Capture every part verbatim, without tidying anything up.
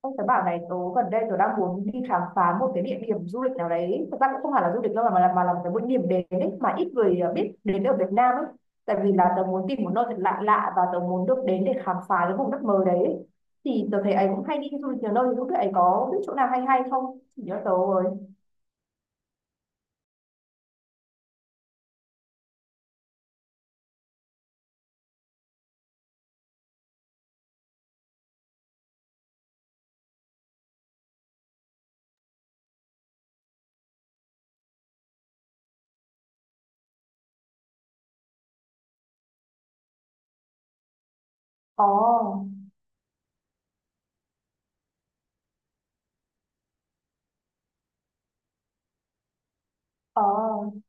Ông tớ bảo này, tớ gần đây tớ đang muốn đi khám phá một cái địa điểm du lịch nào đấy. Thực ra cũng không hẳn là du lịch đâu mà là, mà là một cái một điểm đến ấy, mà ít người ờ, biết đến ở Việt Nam ấy. Tại vì là tớ muốn tìm một nơi thật lạ lạ và tớ muốn được đến để khám phá cái vùng đất mới đấy. Thì tớ thấy ấy cũng hay đi du lịch nhiều nơi, thì lúc ấy có biết chỗ nào hay hay không? Chỉ cho tớ rồi. Ồ. Ồ.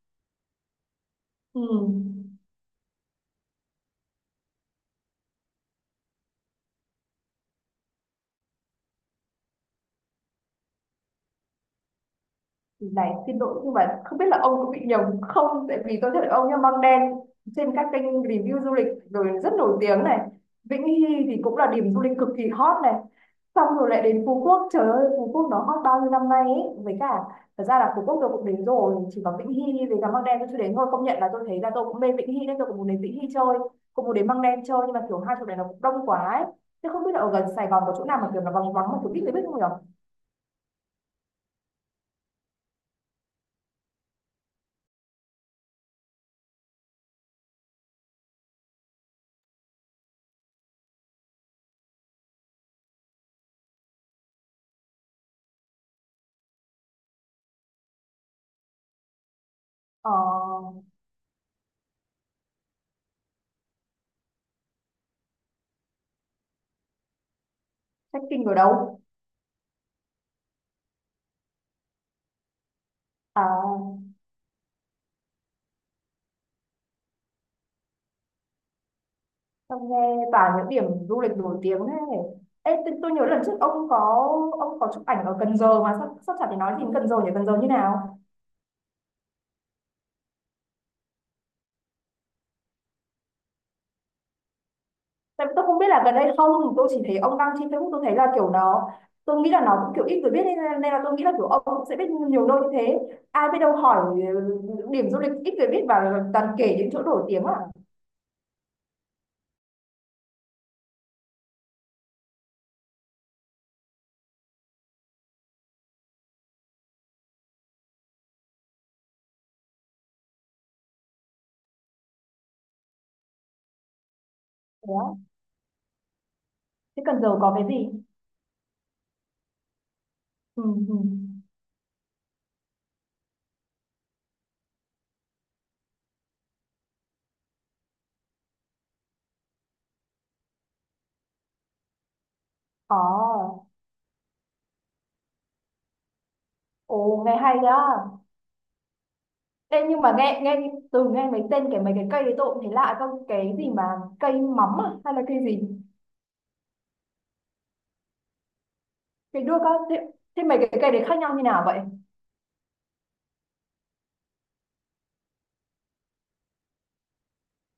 Ừ. Này, xin lỗi nhưng mà không biết là ông có bị nhầm không, tại vì tôi thấy ông nhá, Măng Đen trên các kênh review du lịch rồi, rất nổi tiếng này. Vĩnh Hy thì cũng là điểm du lịch cực kỳ hot này. Xong rồi lại đến Phú Quốc, trời ơi Phú Quốc nó hot bao nhiêu năm nay ấy. Với cả thật ra là Phú Quốc tôi cũng đến rồi, chỉ có Vĩnh Hy với cả Măng Đen tôi chưa đến thôi. Công nhận là tôi thấy là tôi cũng mê Vĩnh Hy nên tôi cũng muốn đến Vĩnh Hy chơi, cũng muốn đến Măng Đen chơi, nhưng mà kiểu hai chỗ này nó cũng đông quá ấy. Thế không biết là ở gần Sài Gòn có chỗ nào mà kiểu nó vắng vắng mà tôi biết, người biết không nhỉ? ờ, Trekking ở đâu? À, ông nghe toàn những điểm du lịch nổi tiếng thế. Ê, tôi, tôi nhớ lần trước ông có, ông có chụp ảnh ở Cần Giờ mà sắp sắp chả, thì nói gì đến Cần Giờ nhỉ? Cần Giờ như nào? Tại vì tôi không biết là gần đây không, tôi chỉ thấy ông đăng trên Facebook, tôi thấy là kiểu nó, tôi nghĩ là nó cũng kiểu ít người biết nên, là- nên là tôi nghĩ là kiểu ông cũng sẽ biết nhiều nơi như thế. Ai biết đâu hỏi ừ, điểm du lịch ít người biết và toàn kể những chỗ nổi tiếng à? Thế á? Thế Cần Giờ có cái gì? Ừ. Ừ. Ồ. Ồ, nghe hay đó. Ê, nhưng mà nghe nghe từ, nghe mấy tên, cái mấy cái cây đấy tôi cũng thấy lạ, không cái gì mà cây mắm à? Hay là cây gì? Cây đua có thế, thế mấy cái cây đấy khác nhau như nào vậy?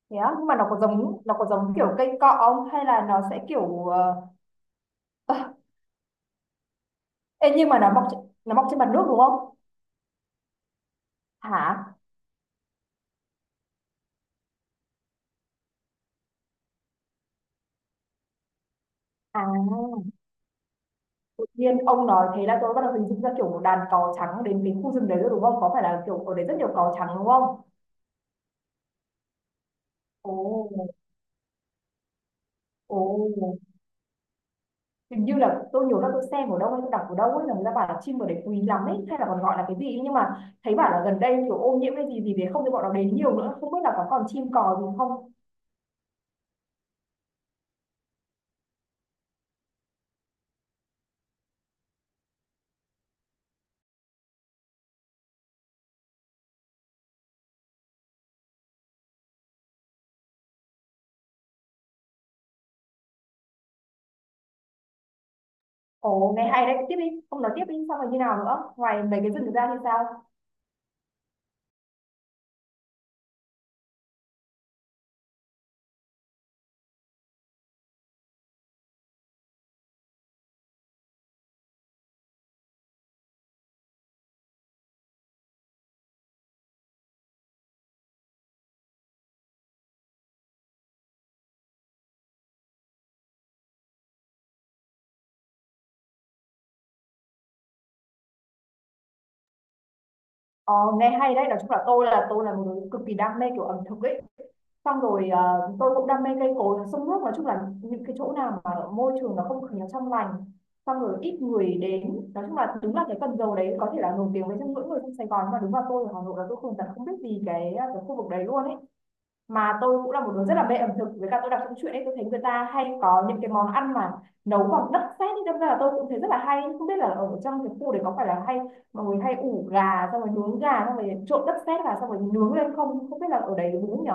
Thế á, nhưng mà nó có giống, nó có giống kiểu cây cọ không hay là nó sẽ kiểu ờ, Ê, nhưng mà nó mọc trên- nó mọc trên mặt nước đúng không? Hả? À, tự nhiên ông nói thế là tôi bắt đầu hình dung ra kiểu một đàn cò trắng đến cái khu rừng đấy rồi đúng không? Có phải là kiểu ở đấy rất nhiều cò trắng đúng không? Ồ. Ồ. Hình như là tôi nhiều năm, tôi xem ở đâu hay tôi đọc ở đâu ấy, là người ta bảo là chim ở đấy quý lắm ấy, hay là còn gọi là cái gì ấy. Nhưng mà thấy bảo là gần đây kiểu ô nhiễm cái gì gì đấy, không thì bọn nó đến nhiều nữa, không biết là có còn chim cò gì không. Ồ, nghe hay đấy, tiếp đi, không nói tiếp đi, xong rồi như nào nữa ngoài mấy cái rừng ra thì sao? Ồ, nghe hay đấy. Nói chung là tôi là, tôi là một người cực kỳ đam mê kiểu ẩm thực ấy. Xong rồi ờ, tôi cũng đam mê cây cối sông nước, nói chung là những cái chỗ nào mà môi trường nó, không khí nó trong lành, xong rồi ít người đến. Nói chung là đúng là cái Cần Giờ đấy có thể là nổi tiếng với, trong mỗi người trong Sài Gòn, nhưng mà đúng là tôi ở Hà Nội là tôi không, thật không biết gì cái ờ, cái khu vực đấy luôn ấy. Mà tôi cũng là một đứa rất là mê ẩm thực, với cả tôi đọc trong truyện ấy, tôi thấy người ta hay có những cái món ăn mà nấu bằng đất sét ấy, đâm ra là tôi cũng thấy rất là hay. Không biết là ở trong cái khu đấy có phải là hay mọi người hay ủ gà xong rồi nướng gà, xong rồi trộn đất sét vào xong rồi nướng lên không, không biết là ở đấy nướng nhỉ?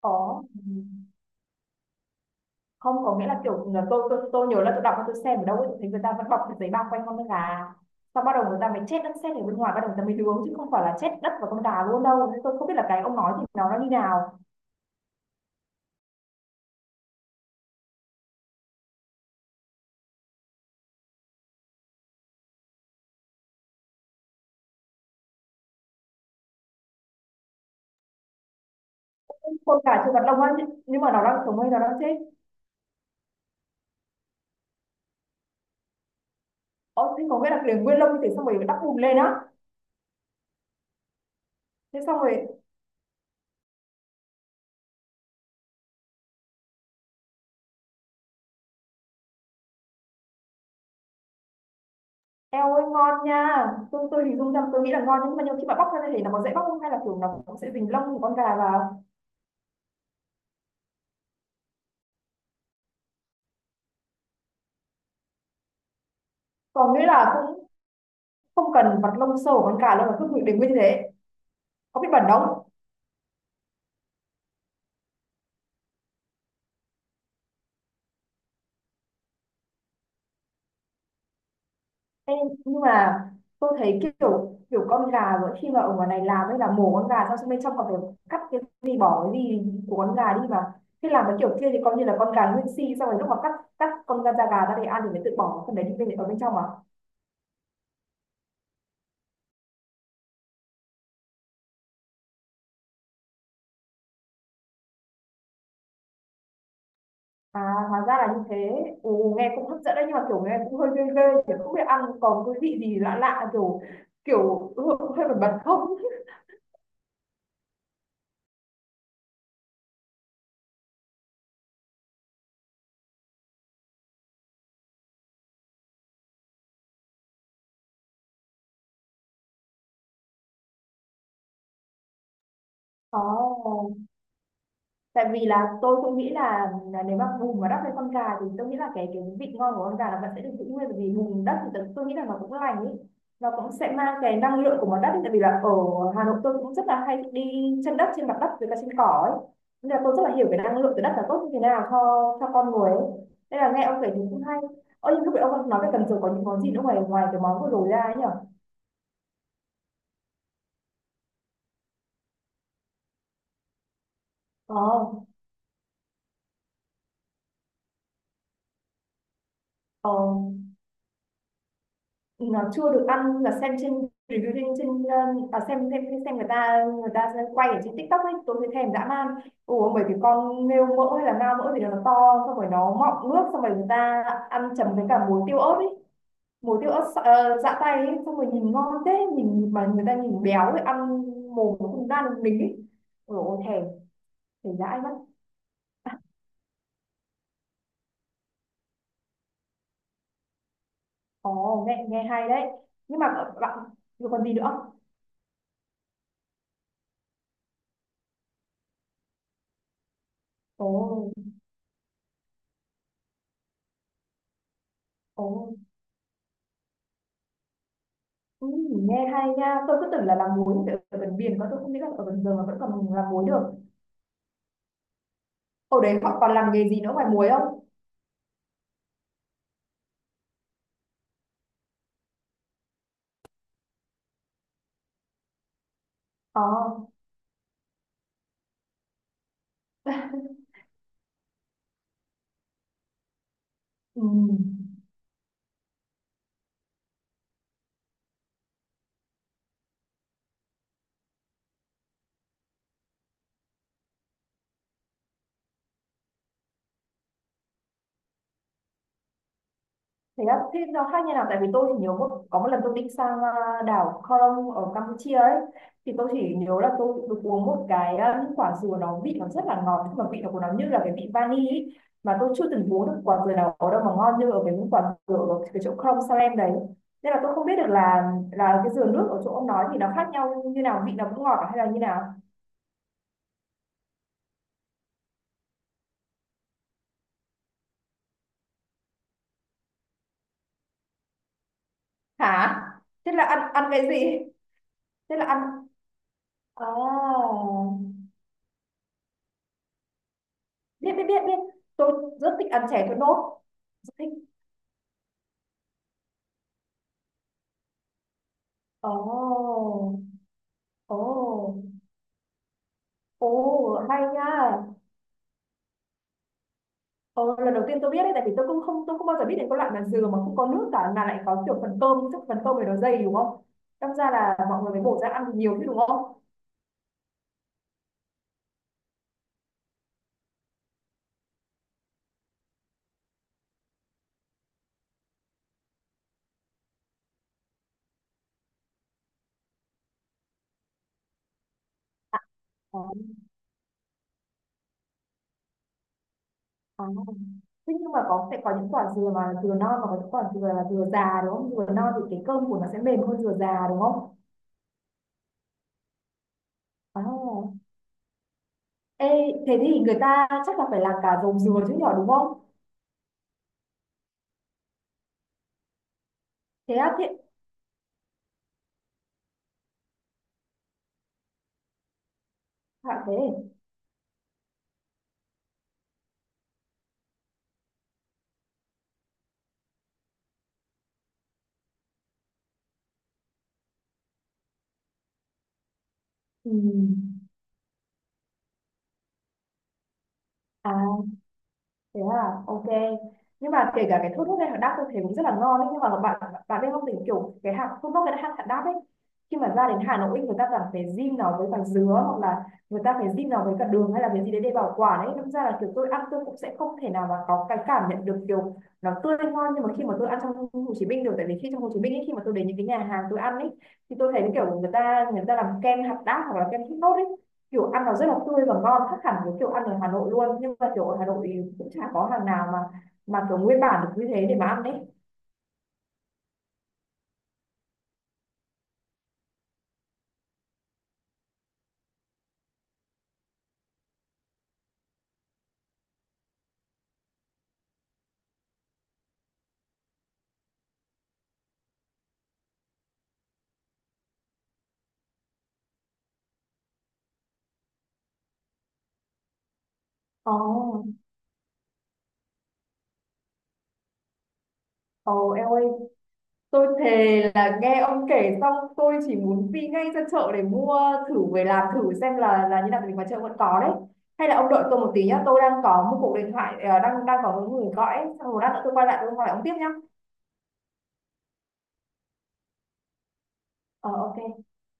Có. Ừm. Không, có nghĩa là kiểu là tôi tôi tôi nhớ là tôi đọc, tôi xem ở đâu ấy, tôi thấy người ta vẫn bọc cái giấy bao quanh con gà, xong bắt đầu người ta mới chết đất sét ở bên ngoài, bắt đầu người ta mới nướng, chứ không phải là chết đất và con gà luôn đâu, nên tôi không biết là cái ông nói thì nó nó như nào. Con gà chưa bật lông á, nhưng mà nó đang sống hay nó đang chết? Ồ, thế có nghĩa là liền nguyên lông thì xong rồi đắp bùn lên á? Thế xong rồi eo ơi ngon nha. Tôi tôi hình dung ra, tôi nghĩ là ngon, nhưng mà nhiều khi mà bóc ra thì nó có dễ bóc không, hay là kiểu nó cũng sẽ dính lông của con gà vào? Còn nghĩa là cũng không cần vặt lông sâu của con gà đâu mà cứ để nguyên như thế? Có bị bẩn không? Ê, nhưng mà tôi thấy kiểu kiểu con gà, rồi khi mà ở ngoài này làm ấy, là mổ con gà xong, xong bên trong còn phải cắt cái gì, bỏ cái gì của con gà đi mà. Thế làm cái kiểu kia thì coi như là con gà nguyên si, xong rồi lúc mà cắt, cắt con da, da gà ra để ăn thì mới tự bỏ phần đấy đi bên, ở bên trong à? À, hóa ra là như thế. Ồ, nghe cũng hấp dẫn đấy, nhưng mà kiểu nghe cũng hơi ghê ghê, chứ không biết ăn còn cái vị gì lạ lạ, kiểu kiểu hơi, hơi bẩn bẩn không. Ồ, tại vì là tôi cũng nghĩ là, là nếu mà bùn mà đắp lên con gà thì tôi nghĩ là cái cái vị ngon của con gà là vẫn sẽ được giữ nguyên, bởi vì bùn đất thì tôi, tôi nghĩ là nó cũng lành ý, nó cũng sẽ mang cái năng lượng của món đất ý. Tại vì là ở Hà Nội tôi cũng rất là hay đi chân đất trên mặt đất với cả trên cỏ ấy, nên là tôi rất là hiểu cái năng lượng từ đất là tốt như thế nào cho cho con người ấy, nên là nghe ông kể thì cũng hay. Ơ, nhưng lúc nãy ông nói về Cần Giờ có những món gì nữa, ngoài ngoài cái món vừa rồi ra ấy nhở? Ờ. Ờ, nó chưa được ăn, là xem trên review, trên trên ờ, à, xem xem xem người ta người ta quay ở trên TikTok ấy, tôi thấy thèm dã man. Ủa, bởi vì con nghêu mỡ hay là ngao mỡ thì nó to, xong rồi nó mọng nước, xong rồi người ta ăn chấm với cả muối tiêu ớt ấy, muối tiêu ớt ờ, dã tay ấy, xong rồi nhìn ngon thế, nhìn mà người ta nhìn béo ấy, ăn mồm nó không ra được mình ấy. Ủa thèm, thèm dã mất. Ồ, nghe nghe hay đấy, nhưng mà bạn bạn- còn gì nữa? Ồ. Ồ. Ừ, nghe hay nha, tôi cứ tưởng là làm muối ở, ở gần biển, còn tôi không nghĩ là ở gần giờ mà vẫn còn làm muối được. Hồi đấy họ còn làm nghề gì nữa ngoài muối không? Ờ. ừ. Thế á, thế nó khác như nào? Tại vì tôi chỉ nhớ một, có một lần tôi đi sang à, đảo Koh Rong ở Campuchia ấy, thì tôi chỉ nhớ là tôi được uống một cái à, những quả dừa nó vị nó rất là ngọt, nhưng mà vị nó của nó như là cái vị vani ấy. Mà tôi chưa từng uống được quả dừa nào ở đâu mà ngon như ở cái những quả dừa ở cái chỗ Koh Rong Salem đấy, nên là tôi không biết được là là cái dừa nước ở chỗ ông nói thì nó khác nhau như nào, vị nó cũng ngọt à hay là như nào? Hả? Thế là ăn, ăn cái gì? Thế là ăn. À, biết biết biết biết. Tôi rất thích ăn chè thốt nốt, rất thích. Ồ. Ồ. Ồ, hay nha. Ồ, lần đầu tiên tôi biết đấy, tại vì tôi cũng không, tôi không bao giờ biết đến cái loại mà dừa mà không có nước cả, mà lại có kiểu phần cơm, chắc phần cơm này nó dày đúng không? Đâm ra là mọi người mới bổ ra ăn nhiều chứ đúng không? À. À. À. Thế nhưng mà có, sẽ có những quả dừa mà dừa non và có những quả dừa là dừa già đúng không? Dừa non thì cái cơm của nó sẽ mềm hơn dừa già đúng không? À. Ê, thế thì người ta chắc là phải làm cả dầu dừa chứ nhỏ đúng không? Thế á, thế à, thế. Ừ. À, thế à, ok. Nhưng mà kể cả cái thốt nốt hay hạt đác tôi thấy cũng rất là ngon ấy, nhưng mà bạn bạn biết không, thì kiểu cái hạt thốt nốt với hạt hạt đác ấy, khi mà ra đến Hà Nội người ta cảm phải zin nó với cả dứa, hoặc là người ta phải zin nó với cả đường, hay là cái gì đấy để bảo quản ấy, đâm ra là kiểu tôi ăn tôi cũng sẽ không thể nào mà có cái cảm nhận được kiểu nó tươi ngon, nhưng mà khi mà tôi ăn trong Hồ Chí Minh được. Tại vì khi trong Hồ Chí Minh ấy, khi mà tôi đến những cái nhà hàng tôi ăn ấy, thì tôi thấy kiểu người ta người ta làm kem hạt đác hoặc là kem thốt nốt ấy, kiểu ăn nó rất là tươi và ngon, khác hẳn với kiểu ăn ở Hà Nội luôn. Nhưng mà kiểu ở Hà Nội thì cũng chả có hàng nào mà mà kiểu nguyên bản được như thế để mà ăn đấy. Ồ. Ồ, em ơi, tôi thề là nghe ông kể xong tôi chỉ muốn đi ngay ra chợ để mua thử về làm thử xem là là như nào, mình ngoài chợ vẫn có đấy. Hay là ông đợi tôi một tí nhá, tôi đang có một cuộc điện thoại, ờ, đang, đang có một người gọi ấy, xong rồi lát nữa tôi quay lại tôi hỏi ông tiếp nhá. Ờ, ok.